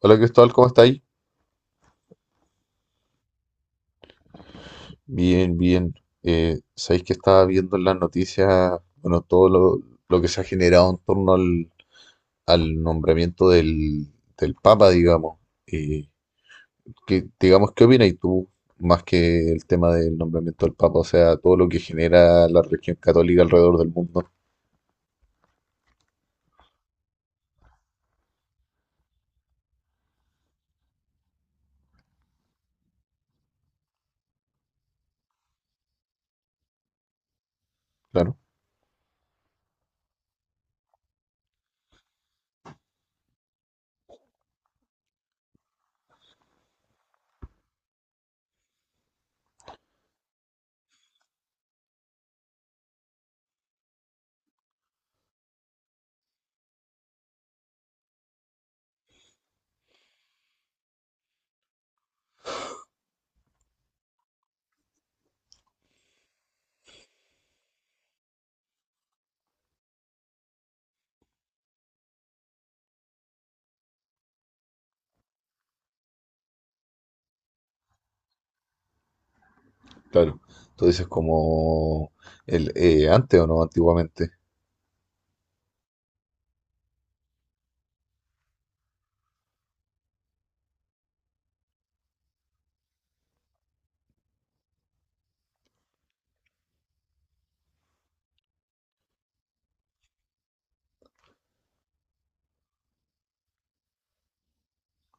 Hola Cristóbal, ¿cómo estáis? Bien, bien. Sabéis que estaba viendo en las noticias, bueno, lo que se ha generado en torno al nombramiento del Papa, digamos. Eh, ¿Qué opinas tú más que el tema del nombramiento del Papa? O sea, todo lo que genera la religión católica alrededor del mundo. Claro, claro. Tú dices como el, antes o no, antiguamente.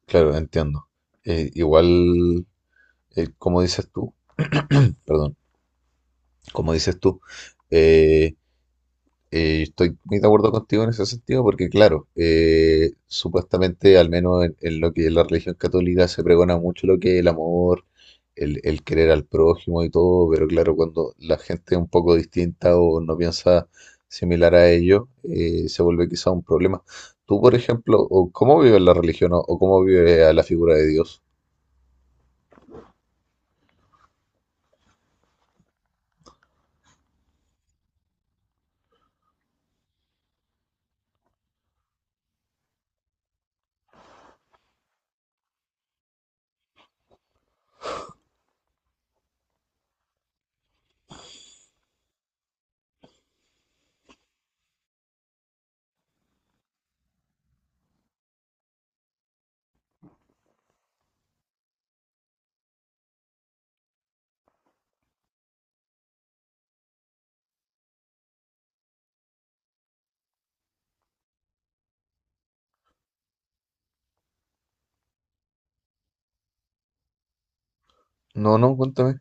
Claro, entiendo. Igual, como dices tú, perdón. Como dices tú. Eh, Estoy muy de acuerdo contigo en ese sentido porque, claro, supuestamente, al menos en lo que es la religión católica, se pregona mucho lo que es el amor, el querer al prójimo y todo, pero claro, cuando la gente es un poco distinta o no piensa similar a ello, se vuelve quizá un problema. Tú, por ejemplo, o ¿cómo vives la religión o cómo vives a la figura de Dios? No, no, cuéntame.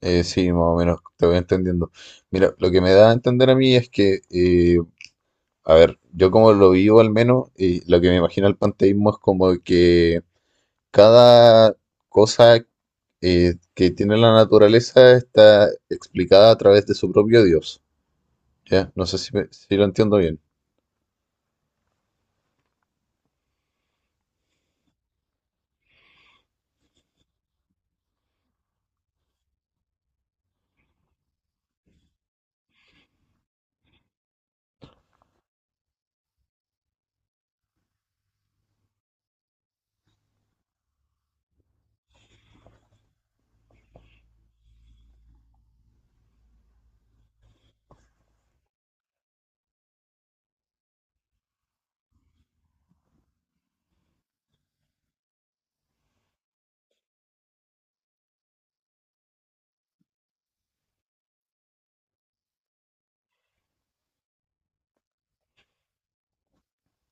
Sí, más o menos, te voy entendiendo. Mira, lo que me da a entender a mí es que, yo como lo vivo al menos, y lo que me imagino el panteísmo es como que cada cosa que tiene la naturaleza está explicada a través de su propio Dios. ¿Ya? No sé si lo entiendo bien.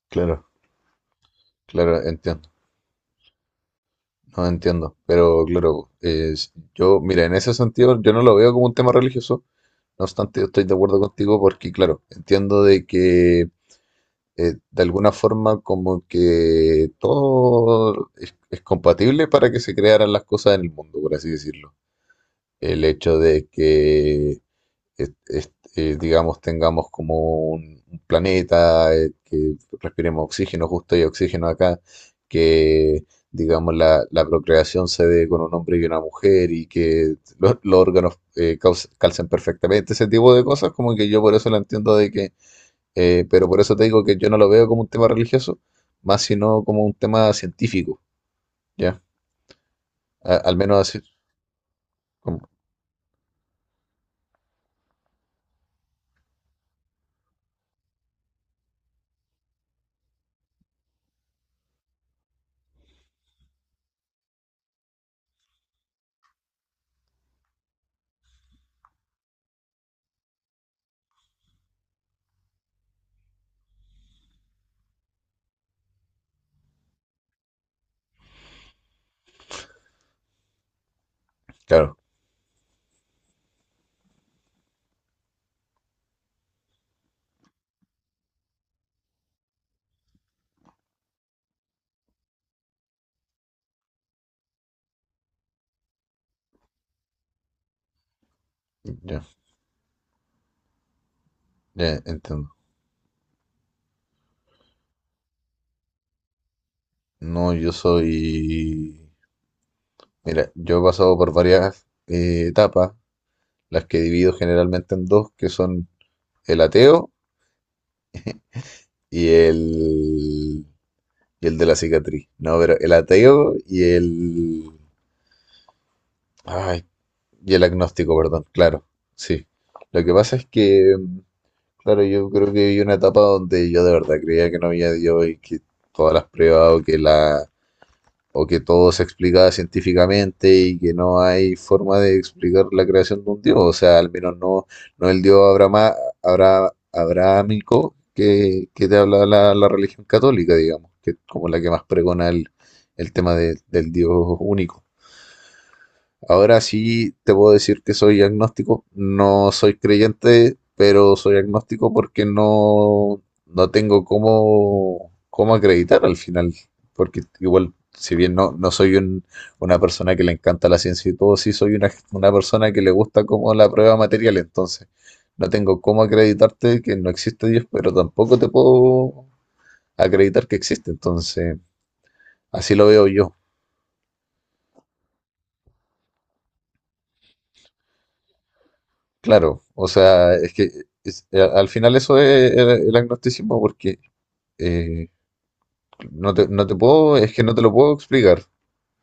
Claro, claro, entiendo. No entiendo. Pero claro, yo, mira, en ese sentido yo no lo veo como un tema religioso. No obstante, yo estoy de acuerdo contigo porque, claro, entiendo de que de alguna forma como que todo es compatible para que se crearan las cosas en el mundo, por así decirlo. El hecho de que, digamos, tengamos como un planeta, que respiremos oxígeno justo y oxígeno acá, que, digamos, la procreación se dé con un hombre y una mujer y que los órganos calcen perfectamente, ese tipo de cosas, como que yo por eso lo entiendo de que pero por eso te digo que yo no lo veo como un tema religioso, más sino como un tema científico, ¿ya? Al menos así, como- claro, ya, ya entiendo. No, yo soy, mira, yo he pasado por varias etapas, las que divido generalmente en dos, que son el ateo y el, y el de la cicatriz. No, pero el ateo y el, ay, y el agnóstico, perdón, claro, sí. Lo que pasa es que claro, yo creo que vi una etapa donde yo de verdad creía que no había Dios y que todas las pruebas o que la o que todo se explicaba científicamente y que no hay forma de explicar la creación de un Dios, o sea, al menos no no el Dios abrahámico que que te habla la religión católica, digamos, que es como la que más pregona el tema del Dios único. Ahora sí te puedo decir que soy agnóstico. No soy creyente, pero soy agnóstico porque no tengo cómo acreditar al final. Porque igual, si bien no soy una persona que le encanta la ciencia y todo, sí soy una persona que le gusta como la prueba material. Entonces, no tengo cómo acreditarte que no existe Dios, pero tampoco te puedo acreditar que existe. Entonces, así lo veo yo. Claro, o sea, es que al final eso es el agnosticismo, porque eh, no te puedo, es que no te lo puedo explicar,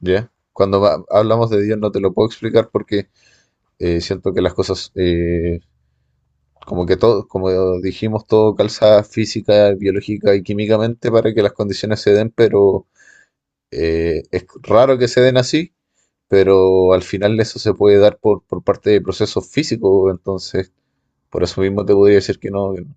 ¿ya? Cuando hablamos de Dios no te lo puedo explicar porque siento que las cosas, como que todo, como dijimos, todo calza física, biológica y químicamente para que las condiciones se den, pero es raro que se den así, pero al final eso se puede dar por parte de procesos físicos, entonces por eso mismo te podría decir que no. Que no.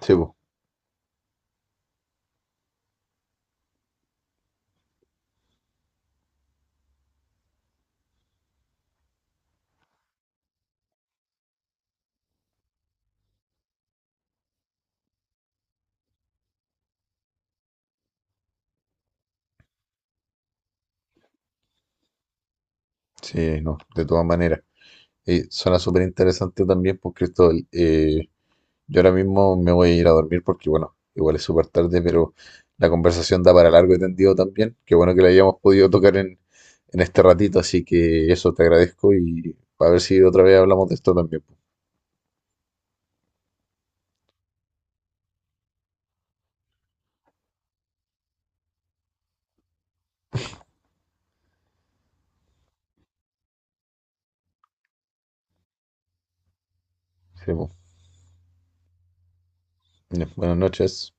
Sí, po. Sí, no, de todas maneras. Suena súper interesante también, pues Cristóbal. Yo ahora mismo me voy a ir a dormir porque, bueno, igual es súper tarde, pero la conversación da para largo y tendido también. Qué bueno que la hayamos podido tocar en este ratito, así que eso te agradezco y a ver si otra vez hablamos de esto también, pues. Sí, pues. Buenas noches.